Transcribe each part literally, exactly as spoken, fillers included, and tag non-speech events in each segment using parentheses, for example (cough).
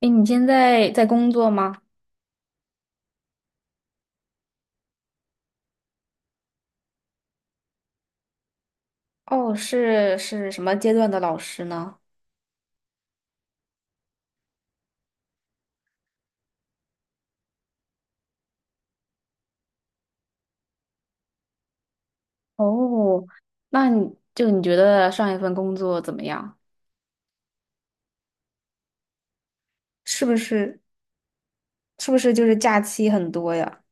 哎，你现在在工作吗？哦，是是什么阶段的老师呢？哦，那你就你觉得上一份工作怎么样？是不是是不是就是假期很多呀？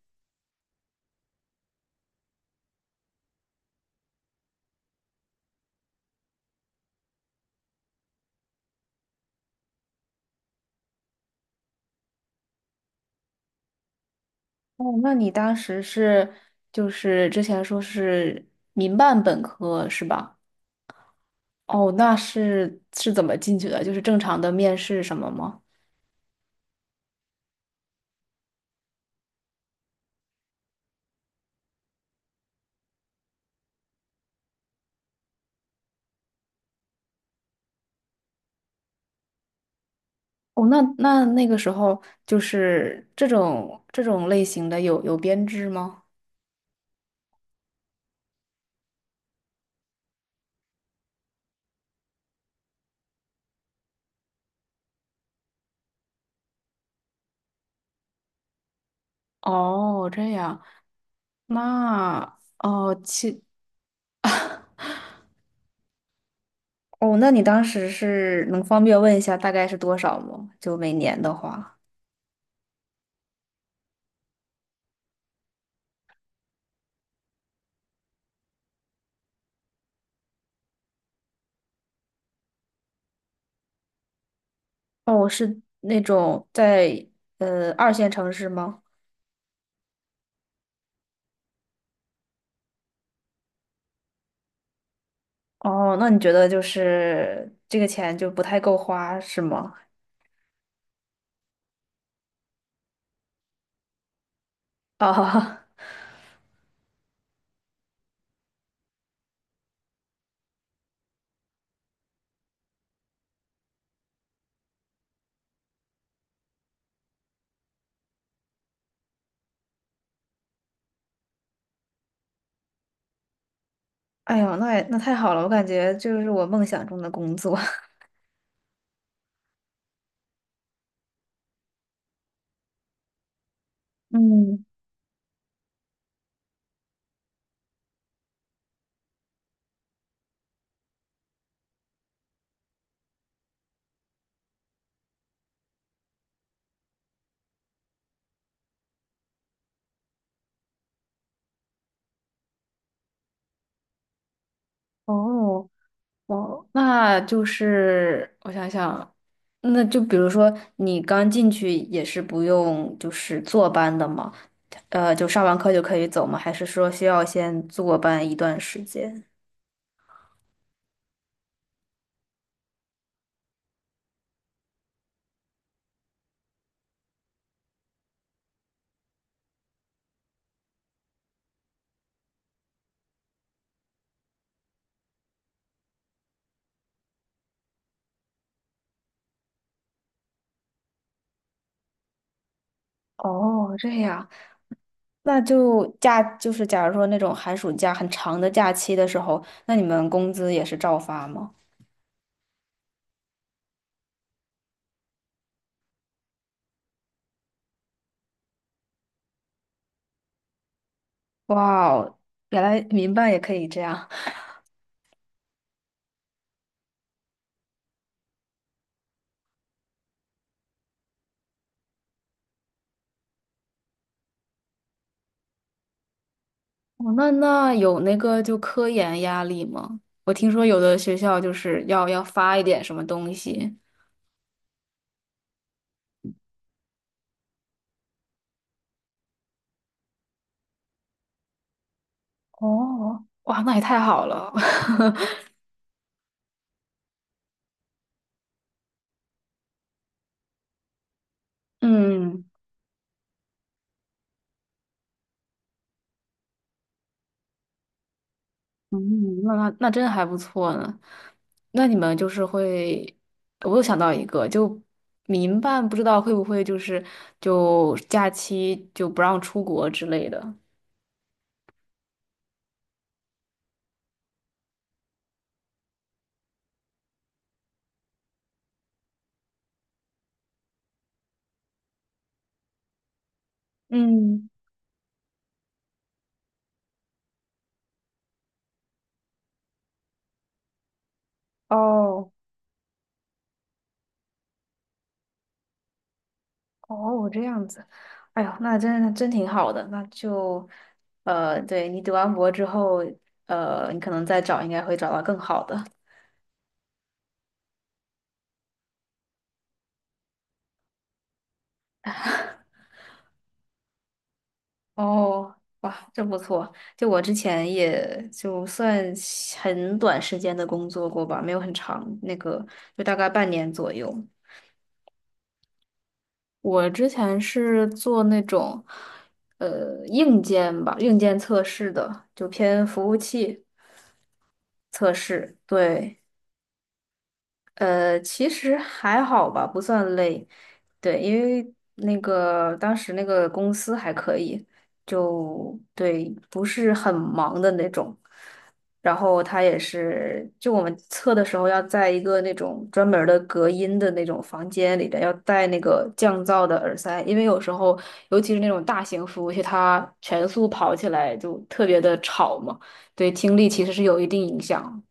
哦，那你当时是就是之前说是民办本科是吧？哦，那是是怎么进去的？就是正常的面试什么吗？哦，那那那个时候就是这种这种类型的有有编制吗？哦，这样。那哦，其哦，那你当时是能方便问一下大概是多少吗？就每年的话，哦，是那种在呃二线城市吗？哦，那你觉得就是这个钱就不太够花是吗？啊，(laughs) 哎呦，那也那太好了，我感觉就是我梦想中的工作。(laughs) 嗯，哦。哦，那就是我想想，那就比如说你刚进去也是不用就是坐班的吗？呃，就上完课就可以走吗？还是说需要先坐班一段时间？哦，这样，那就假就是假如说那种寒暑假很长的假期的时候，那你们工资也是照发吗？哇哦，原来民办也可以这样。哦，那那有那个就科研压力吗？我听说有的学校就是要要发一点什么东西。哦，哇，那也太好了。(laughs) 嗯嗯，那那那真还不错呢。那你们就是会，我又想到一个，就民办不知道会不会就是就假期就不让出国之类的。嗯，哦。哦，这样子，哎呦，那真真挺好的。那就，呃，对你读完博之后，呃，你可能再找，应该会找到更好的。哦，哇，真不错。就我之前也就算很短时间的工作过吧，没有很长，那个就大概半年左右。我之前是做那种，呃，硬件吧，硬件测试的，就偏服务器测试，对。呃，其实还好吧，不算累。对，因为那个当时那个公司还可以，就对，不是很忙的那种。然后他也是，就我们测的时候要在一个那种专门儿的隔音的那种房间里边，要戴那个降噪的耳塞，因为有时候，尤其是那种大型服务器，它全速跑起来就特别的吵嘛，对听力其实是有一定影响。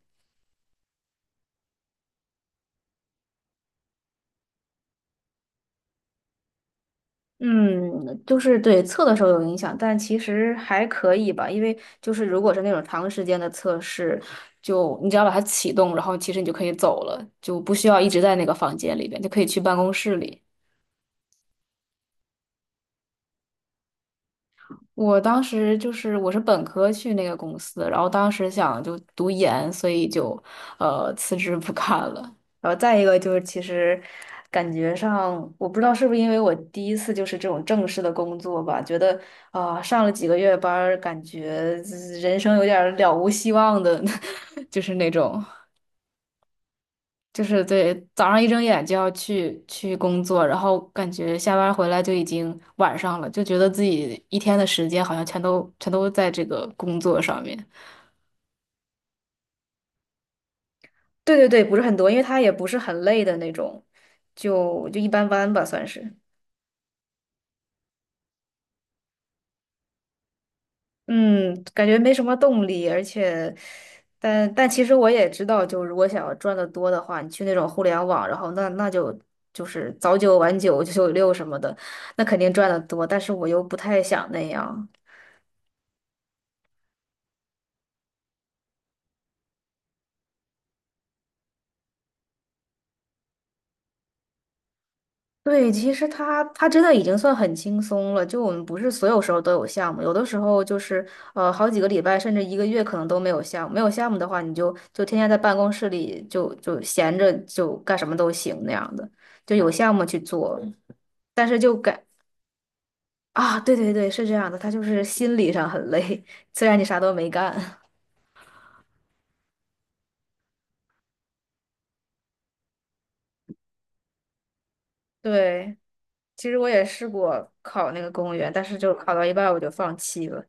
嗯，就是对测的时候有影响，但其实还可以吧，因为就是如果是那种长时间的测试，就你只要把它启动，然后其实你就可以走了，就不需要一直在那个房间里边，就可以去办公室里。我当时就是我是本科去那个公司，然后当时想就读研，所以就呃辞职不干了。然后再一个就是其实感觉上，我不知道是不是因为我第一次就是这种正式的工作吧，觉得啊、上了几个月班儿，感觉呃人生有点儿了无希望的，(laughs) 就是那种。就是对，早上一睁眼就要去去工作，然后感觉下班回来就已经晚上了，就觉得自己一天的时间好像全都全都在这个工作上面。对对对，不是很多，因为他也不是很累的那种，就就一般般吧，算是。嗯，感觉没什么动力，而且，但但其实我也知道，就如果想要赚的多的话，你去那种互联网，然后那那就就是早九晚九、九九六什么的，那肯定赚的多。但是我又不太想那样，对，其实他他真的已经算很轻松了。就我们不是所有时候都有项目，有的时候就是呃好几个礼拜甚至一个月可能都没有项目。没有项目的话，你就就天天在办公室里就就闲着就干什么都行那样的，就有项目去做。但是就感啊，对对对，是这样的，他就是心理上很累，(laughs) 虽然你啥都没干。(laughs) 对，其实我也试过考那个公务员，但是就考到一半我就放弃了。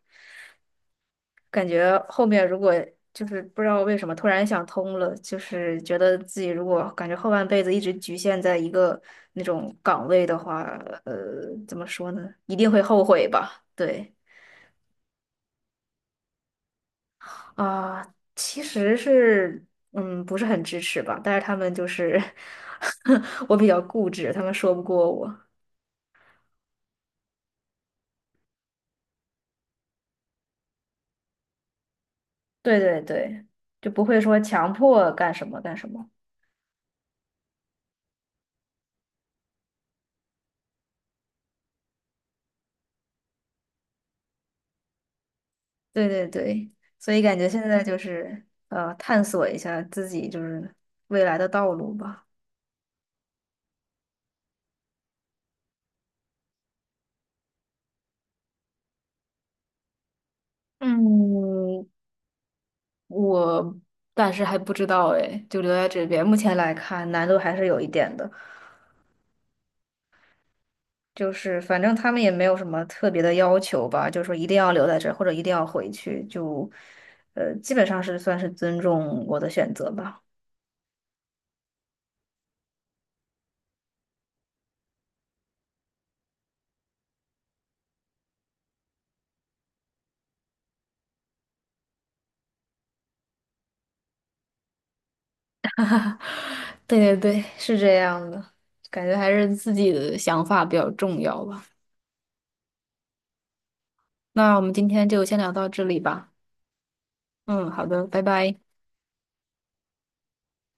感觉后面如果就是不知道为什么突然想通了，就是觉得自己如果感觉后半辈子一直局限在一个那种岗位的话，呃，怎么说呢？一定会后悔吧？对啊，其实是嗯，不是很支持吧，但是他们就是 (laughs) 我比较固执，他们说不过我。对对对，就不会说强迫干什么干什么。对对对，所以感觉现在就是呃，探索一下自己就是未来的道路吧。嗯，我暂时还不知道哎，就留在这边。目前来看，难度还是有一点的。就是反正他们也没有什么特别的要求吧，就是说一定要留在这儿或者一定要回去，就呃，基本上是算是尊重我的选择吧。对对对，是这样的，感觉还是自己的想法比较重要吧。那我们今天就先聊到这里吧。嗯，好的，拜拜。